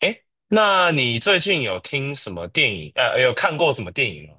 诶，那你最近有听什么电影？有看过什么电影吗？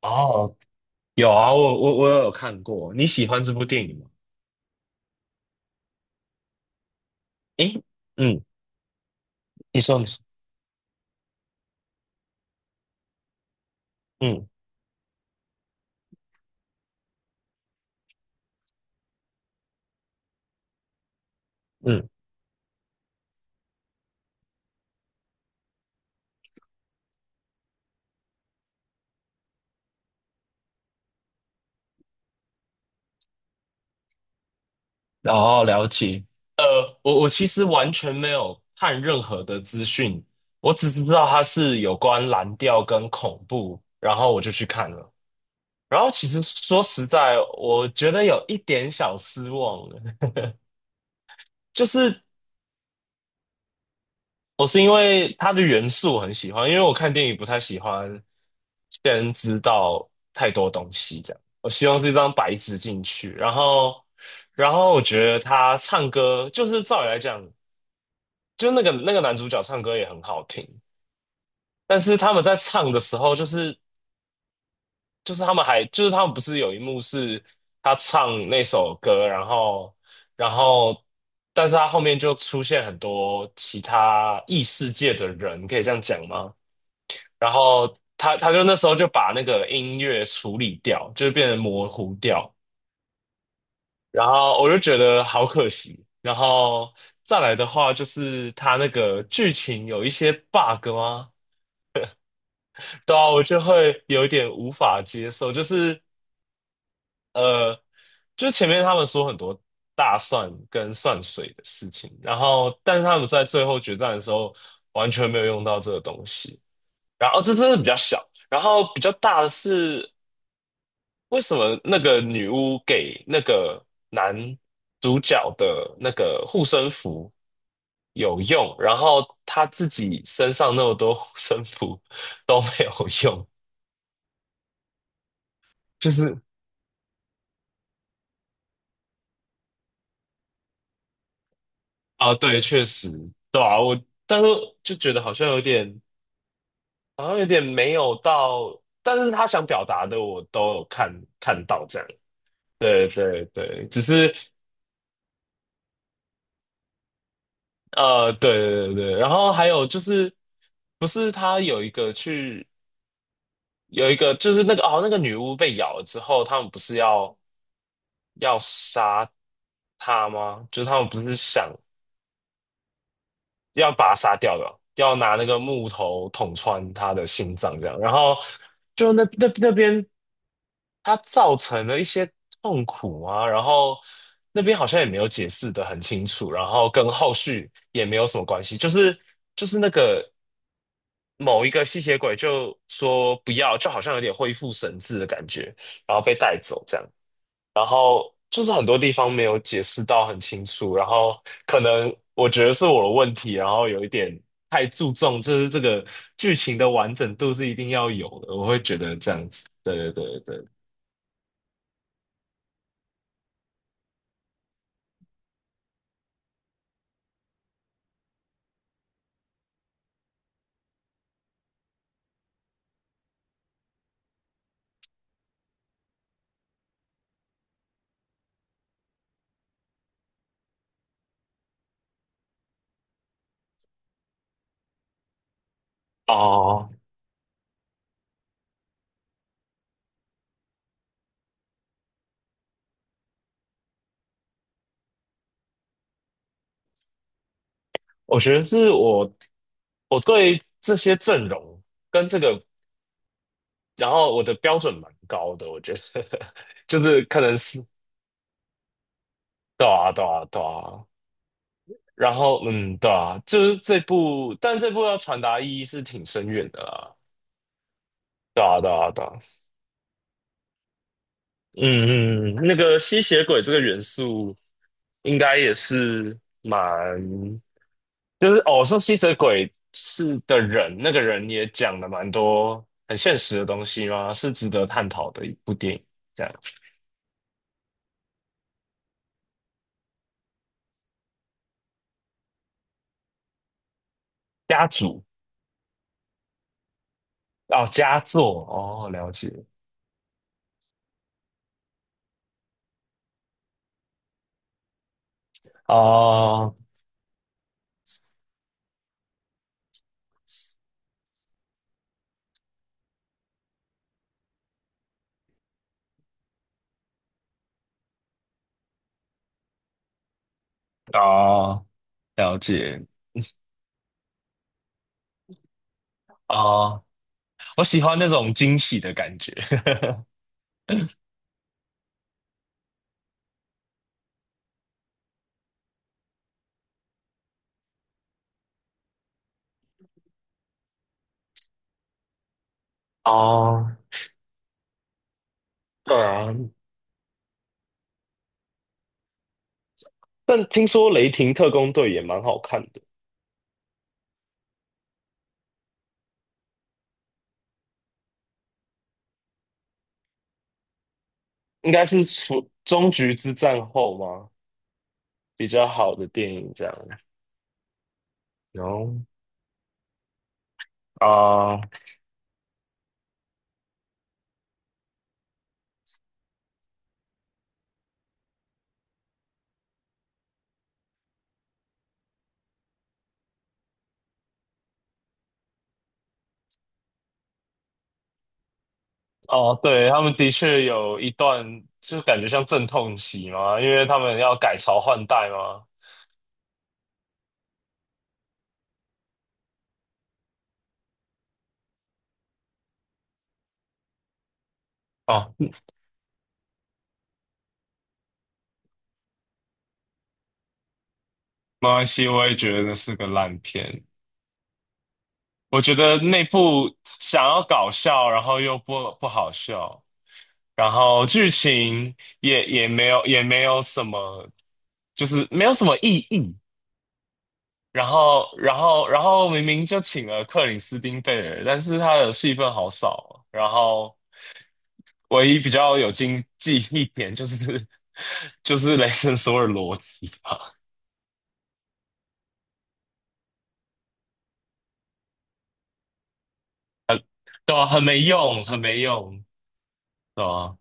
哦，有啊，我有看过。你喜欢这部电影吗？诶，嗯，你说，嗯嗯，哦，了解。呃，我其实完全没有看任何的资讯，我只知道它是有关蓝调跟恐怖，然后我就去看了。然后其实说实在，我觉得有一点小失望了。就是我是因为它的元素我很喜欢，因为我看电影不太喜欢先知道太多东西，这样我希望是一张白纸进去。然后，然后我觉得他唱歌，就是照理来讲，就那个男主角唱歌也很好听，但是他们在唱的时候，就是就是他们还就是他们不是有一幕是他唱那首歌，然后。但是他后面就出现很多其他异世界的人，可以这样讲吗？然后他就那时候就把那个音乐处理掉，就变得模糊掉。然后我就觉得好可惜。然后再来的话，就是他那个剧情有一些 bug 吗？对啊，我就会有点无法接受。就是呃，就前面他们说很多大蒜跟蒜水的事情，然后但是他们在最后决战的时候完全没有用到这个东西。然后这真的比较小。然后比较大的是，为什么那个女巫给那个男主角的那个护身符有用，然后他自己身上那么多护身符都没有用？就是啊，对，确实，对啊，我但是就觉得好像有点，好像有点没有到，但是他想表达的我都有看到这样。对对对，只是对对对对，然后还有就是，不是他有一个去有一个就是那个哦，那个女巫被咬了之后，他们不是要要杀她吗？就是他们不是想要把她杀掉的，要拿那个木头捅穿他的心脏这样。然后就那那边，他造成了一些痛苦啊，然后那边好像也没有解释的很清楚，然后跟后续也没有什么关系，就是那个。某一个吸血鬼就说不要，就好像有点恢复神智的感觉，然后被带走，这样就是很多地方没有解释到很清楚，然后可能我觉得是我的问题，然后有一点太注重，就是这个剧情的完整度是一定要有的，我会觉得这样子，对对对对，哦，我觉得是我对这些阵容跟这个，然后我的标准蛮高的，我觉得 就是可能是对啊对啊对啊，然后，嗯，对啊，就是这部，但这部要传达意义是挺深远的啦。对啊，对啊，对啊，嗯嗯，嗯那个吸血鬼这个元素，应该也是蛮，就是哦，说吸血鬼是的人，那个人也讲了蛮多很现实的东西嘛，是值得探讨的一部电影。这样，家族哦，佳作哦，了解哦，哦，了解哦。我喜欢那种惊喜的感觉。哦，对啊，但听说《雷霆特工队》也蛮好看的，应该是除终局之战后吗？比较好的电影这样。然后啊，哦，对，他们的确有一段就感觉像阵痛期嘛，因为他们要改朝换代嘛。哦，没关系，我也觉得是个烂片。我觉得那部想要搞笑，然后又不好笑。然后剧情也也没有也没有什么，就是没有什么意义。然后明明就请了克里斯汀贝尔，但是他的戏份好少哦然后唯一比较有经济一点就是 就是雷神索尔裸体吧，对啊，很没用，很没用，对啊，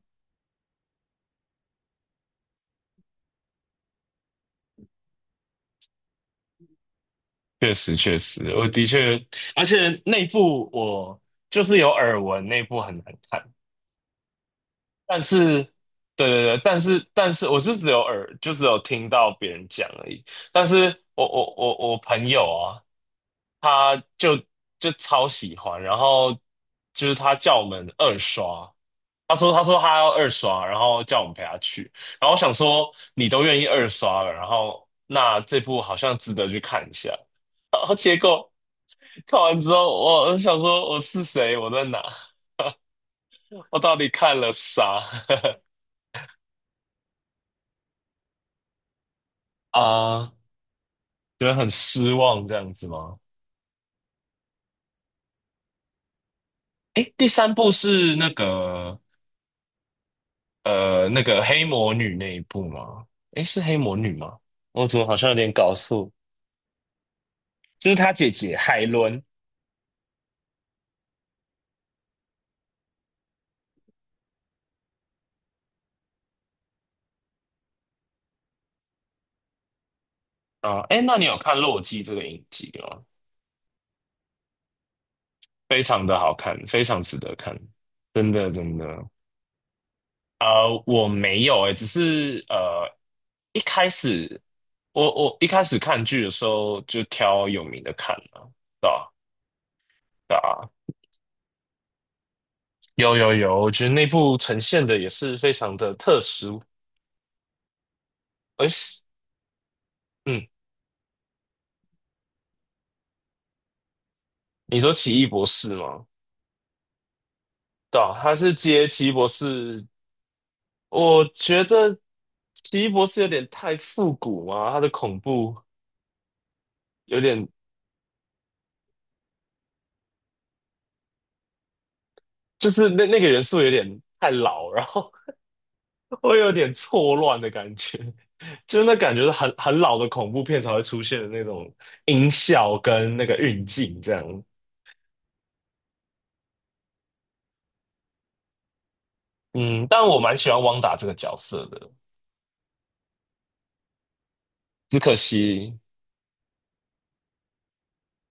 确实确实，我的确，而且那部我就是有耳闻，那部很难看。但是，对对对，但是但是我是只有耳，就只有听到别人讲而已。但是我朋友啊，他就就超喜欢，然后就是他叫我们二刷，他说他要二刷，然后叫我们陪他去。然后我想说你都愿意二刷了，然后那这部好像值得去看一下。看完之后，我想说我是谁，我在哪，我到底看了啥？啊觉得很失望这样子吗？诶，第三部是那个那个黑魔女那一部吗？诶，是黑魔女吗？我怎么好像有点搞错？就是她姐姐海伦啊。诶，那你有看《洛基》这个影集吗？非常的好看，非常值得看，真的真的。我没有诶，只是一开始我一开始看剧的时候就挑有名的看了，对吧？有有有，我觉得那部呈现的也是非常的特殊，而且，嗯，你说奇异博士吗？对啊，他是接奇异博士，我觉得奇异博士有点太复古嘛，他的恐怖有点，就是那个元素有点太老，然后 会有点错乱的感觉，就是那感觉是很很老的恐怖片才会出现的那种音效跟那个运镜这样。嗯，但我蛮喜欢汪达这个角色的，只可惜。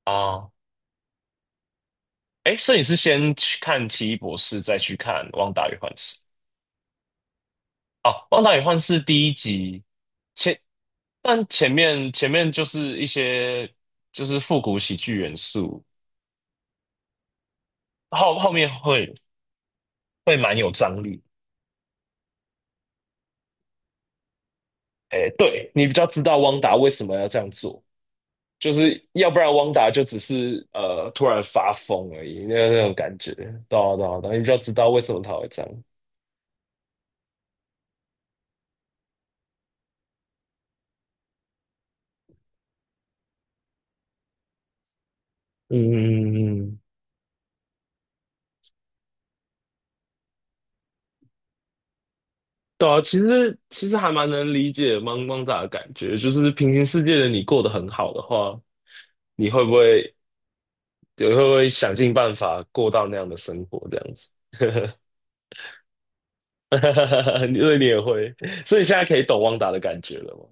啊，哎，所以你是先去看《奇异博士》，再去看《旺达与幻视》哦，《旺达与幻视》第一集前，但前面就是一些就是复古喜剧元素，后面会会蛮有张力。哎，对，你比较知道汪达为什么要这样做，就是要不然汪达就只是突然发疯而已，那那种感觉，对啊对啊对啊你比较知道为什么他会这样。嗯嗯嗯嗯。对啊，其实其实还蛮能理解茫茫仔的感觉，就是平行世界的你过得很好的话，你会不会你会不会想尽办法过到那样的生活这样子？因所以你也会，所以现在可以懂汪达的感觉了吗？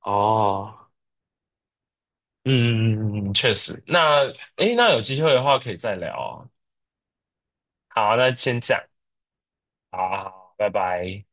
哦，嗯，确实。那诶，那有机会的话可以再聊啊。好，那先这样，好好好拜拜。